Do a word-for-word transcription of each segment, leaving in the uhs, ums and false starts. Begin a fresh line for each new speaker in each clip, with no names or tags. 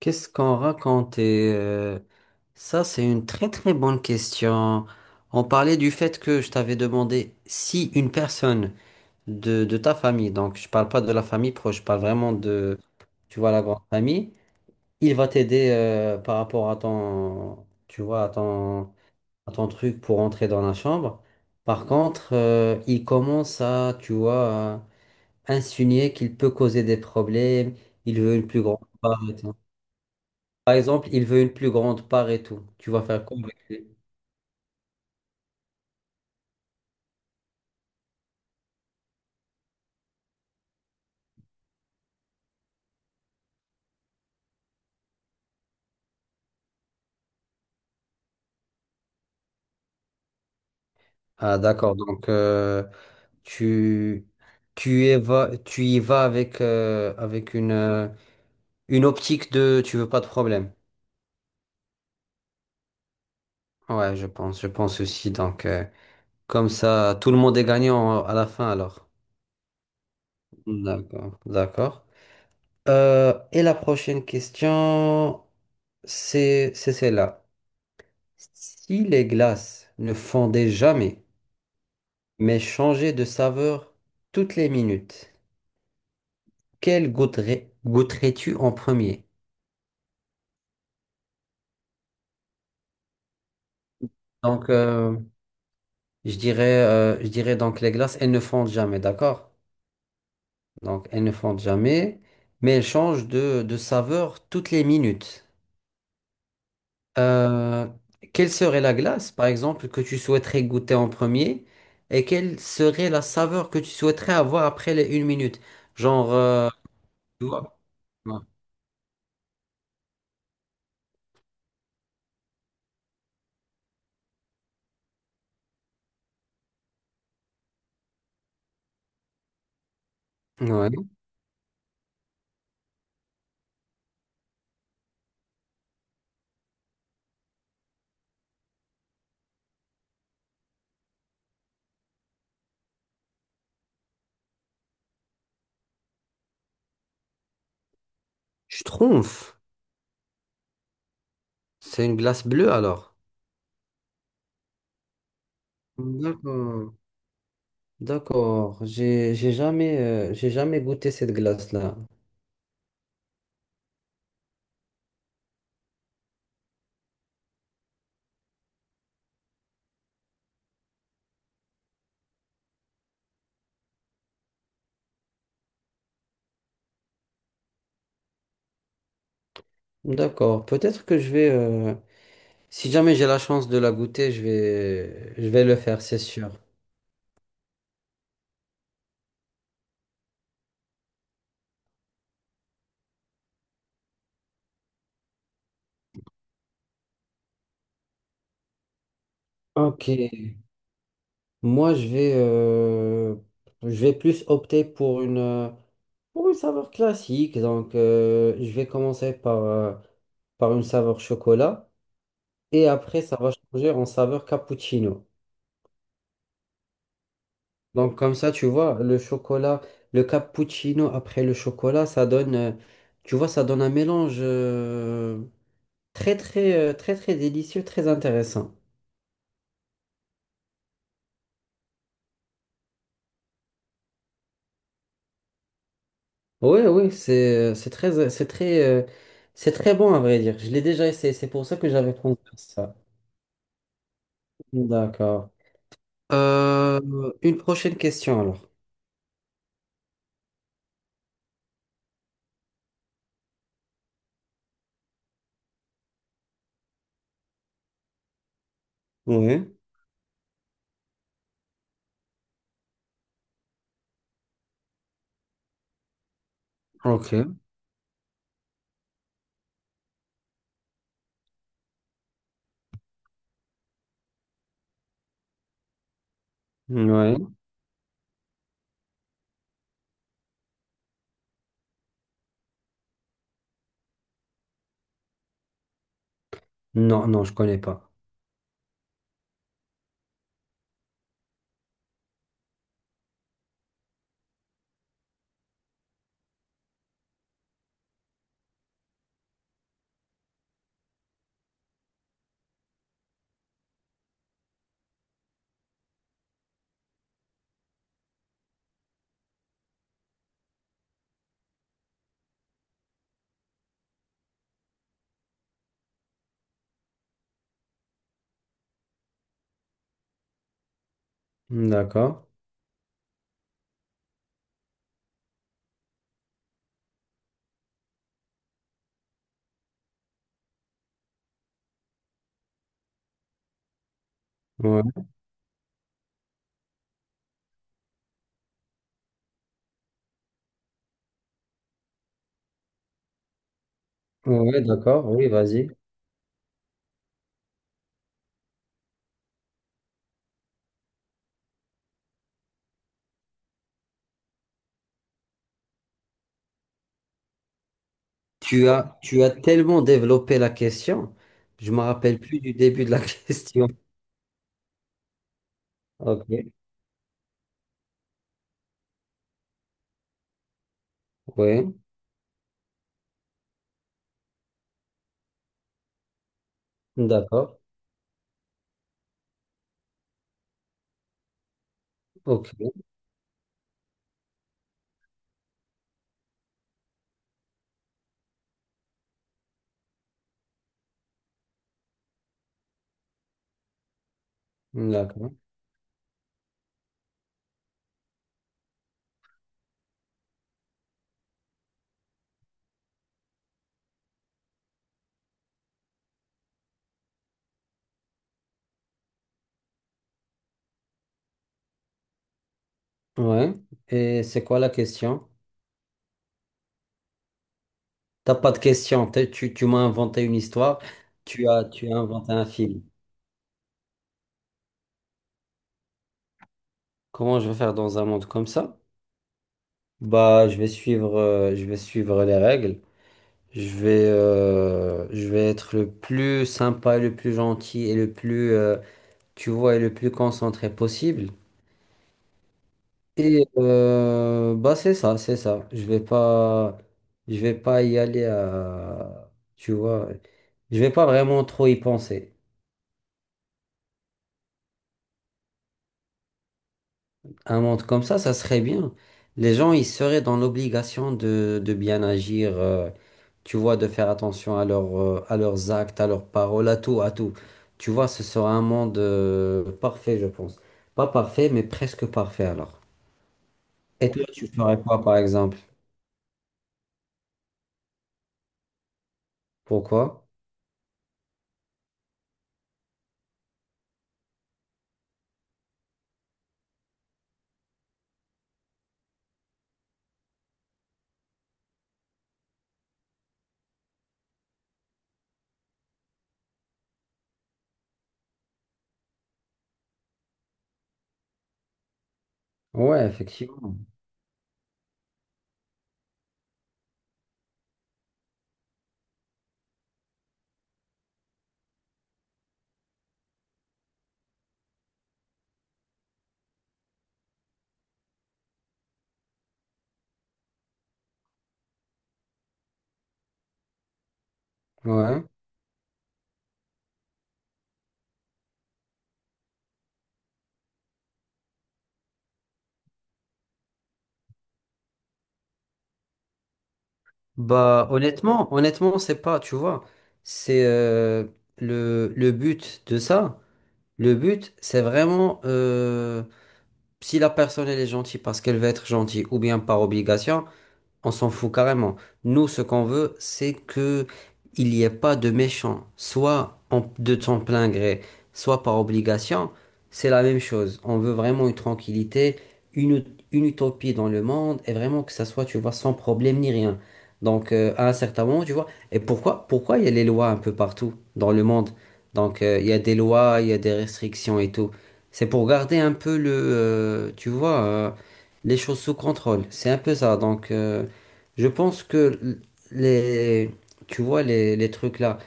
Qu'est-ce qu'on raconte? Et, euh, ça, c'est une très très bonne question. On parlait du fait que je t'avais demandé si une personne de, de ta famille, donc je parle pas de la famille proche, je parle vraiment de, tu vois, la grande famille, il va t'aider euh, par rapport à ton, tu vois, à ton, à ton truc pour entrer dans la chambre. Par contre, euh, il commence à, tu vois, à insinuer qu'il peut causer des problèmes, il veut une plus grande part. Par exemple, il veut une plus grande part et tout. Tu vas faire quoi avec lui? Ah, d'accord. Donc, euh, tu, tu y vas, tu y vas avec, euh, avec une, euh, une optique de tu veux pas de problème. Ouais, je pense, je pense aussi. Donc, euh, comme ça, tout le monde est gagnant à la fin alors. D'accord, d'accord. Euh, et la prochaine question, c'est, c'est celle-là. Si les glaces ne fondaient jamais, mais changer de saveur toutes les minutes. Quelle goûterais, goûterais-tu en premier? Donc, euh, je dirais, euh, je dirais donc les glaces, elles ne fondent jamais, d'accord? Donc, elles ne fondent jamais, mais elles changent de, de saveur toutes les minutes. Euh, quelle serait la glace, par exemple, que tu souhaiterais goûter en premier? Et quelle serait la saveur que tu souhaiterais avoir après les une minute? Genre, euh, tu vois? Ouais. Ouais. Schtroumpf, c'est une glace bleue alors. D'accord, d'accord. J'ai, j'ai jamais, euh, j'ai jamais goûté cette glace-là. D'accord. Peut-être que je vais, euh, si jamais j'ai la chance de la goûter, je vais, je vais le faire, c'est sûr. Ok. Moi, je vais, euh, je vais plus opter pour une, euh, pour une saveur classique. Donc, euh, je vais commencer par, euh, par une saveur chocolat et après, ça va changer en saveur cappuccino. Donc comme ça, tu vois, le chocolat, le cappuccino après le chocolat, ça donne, euh, tu vois, ça donne un mélange euh, très très euh, très très délicieux, très intéressant. Oui, oui, c'est euh, c'est très euh, c'est très euh, c'est très bon à vrai dire. Je l'ai déjà essayé, c'est pour ça que j'avais pensé à ça. D'accord. Euh, une prochaine question alors. Oui. Ok. Ouais. Non, non, je connais pas. D'accord. Ouais. Ouais, d'accord. Oui, vas-y. Tu as, tu as tellement développé la question, je me rappelle plus du début de la question. Ok, oui, d'accord, ok, d'accord, ouais. Et c'est quoi la question? T'as pas de question, t'es- tu, tu m'as inventé une histoire, tu as, tu as inventé un film. Comment je vais faire dans un monde comme ça? Bah, je vais suivre, euh, je vais suivre les règles. Je vais, euh, je vais être le plus sympa, et le plus gentil et le plus, euh, tu vois, et le plus concentré possible. Et euh, bah c'est ça, c'est ça. Je vais pas, je vais pas y aller à, tu vois, je vais pas vraiment trop y penser. Un monde comme ça, ça serait bien. Les gens, ils seraient dans l'obligation de, de bien agir, euh, tu vois, de faire attention à leurs, euh, à leurs actes, à leurs paroles, à tout, à tout. Tu vois, ce sera un monde euh, parfait, je pense. Pas parfait, mais presque parfait alors. Et toi, tu ferais quoi, par exemple? Pourquoi? Ouais, effectivement. Ouais. Bah honnêtement, honnêtement, c'est pas, tu vois, c'est euh, le, le but de ça. Le but, c'est vraiment euh, si la personne elle est gentille parce qu'elle veut être gentille ou bien par obligation. On s'en fout carrément. Nous, ce qu'on veut, c'est que il n'y ait pas de méchants, soit en- de son plein gré, soit par obligation. C'est la même chose. On veut vraiment une tranquillité, une, ut- une utopie dans le monde, et vraiment que ça soit, tu vois, sans problème ni rien. Donc, euh, à un certain moment, tu vois. Et pourquoi, pourquoi il y a les lois un peu partout dans le monde? Donc, euh, il y a des lois, il y a des restrictions et tout. C'est pour garder un peu le, euh, tu vois, euh, les choses sous contrôle. C'est un peu ça. Donc, euh, je pense que les, tu vois, les, les trucs là,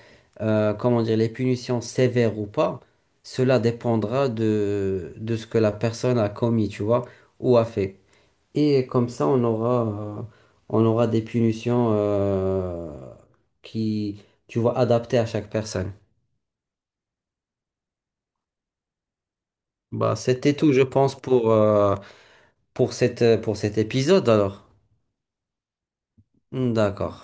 euh, comment dire, les punitions sévères ou pas, cela dépendra de, de ce que la personne a commis, tu vois, ou a fait. Et comme ça, on aura, euh, on aura des punitions euh, qui, tu vois, adaptées à chaque personne. Bah, c'était tout, je pense, pour, euh, pour cette, pour cet épisode alors. D'accord.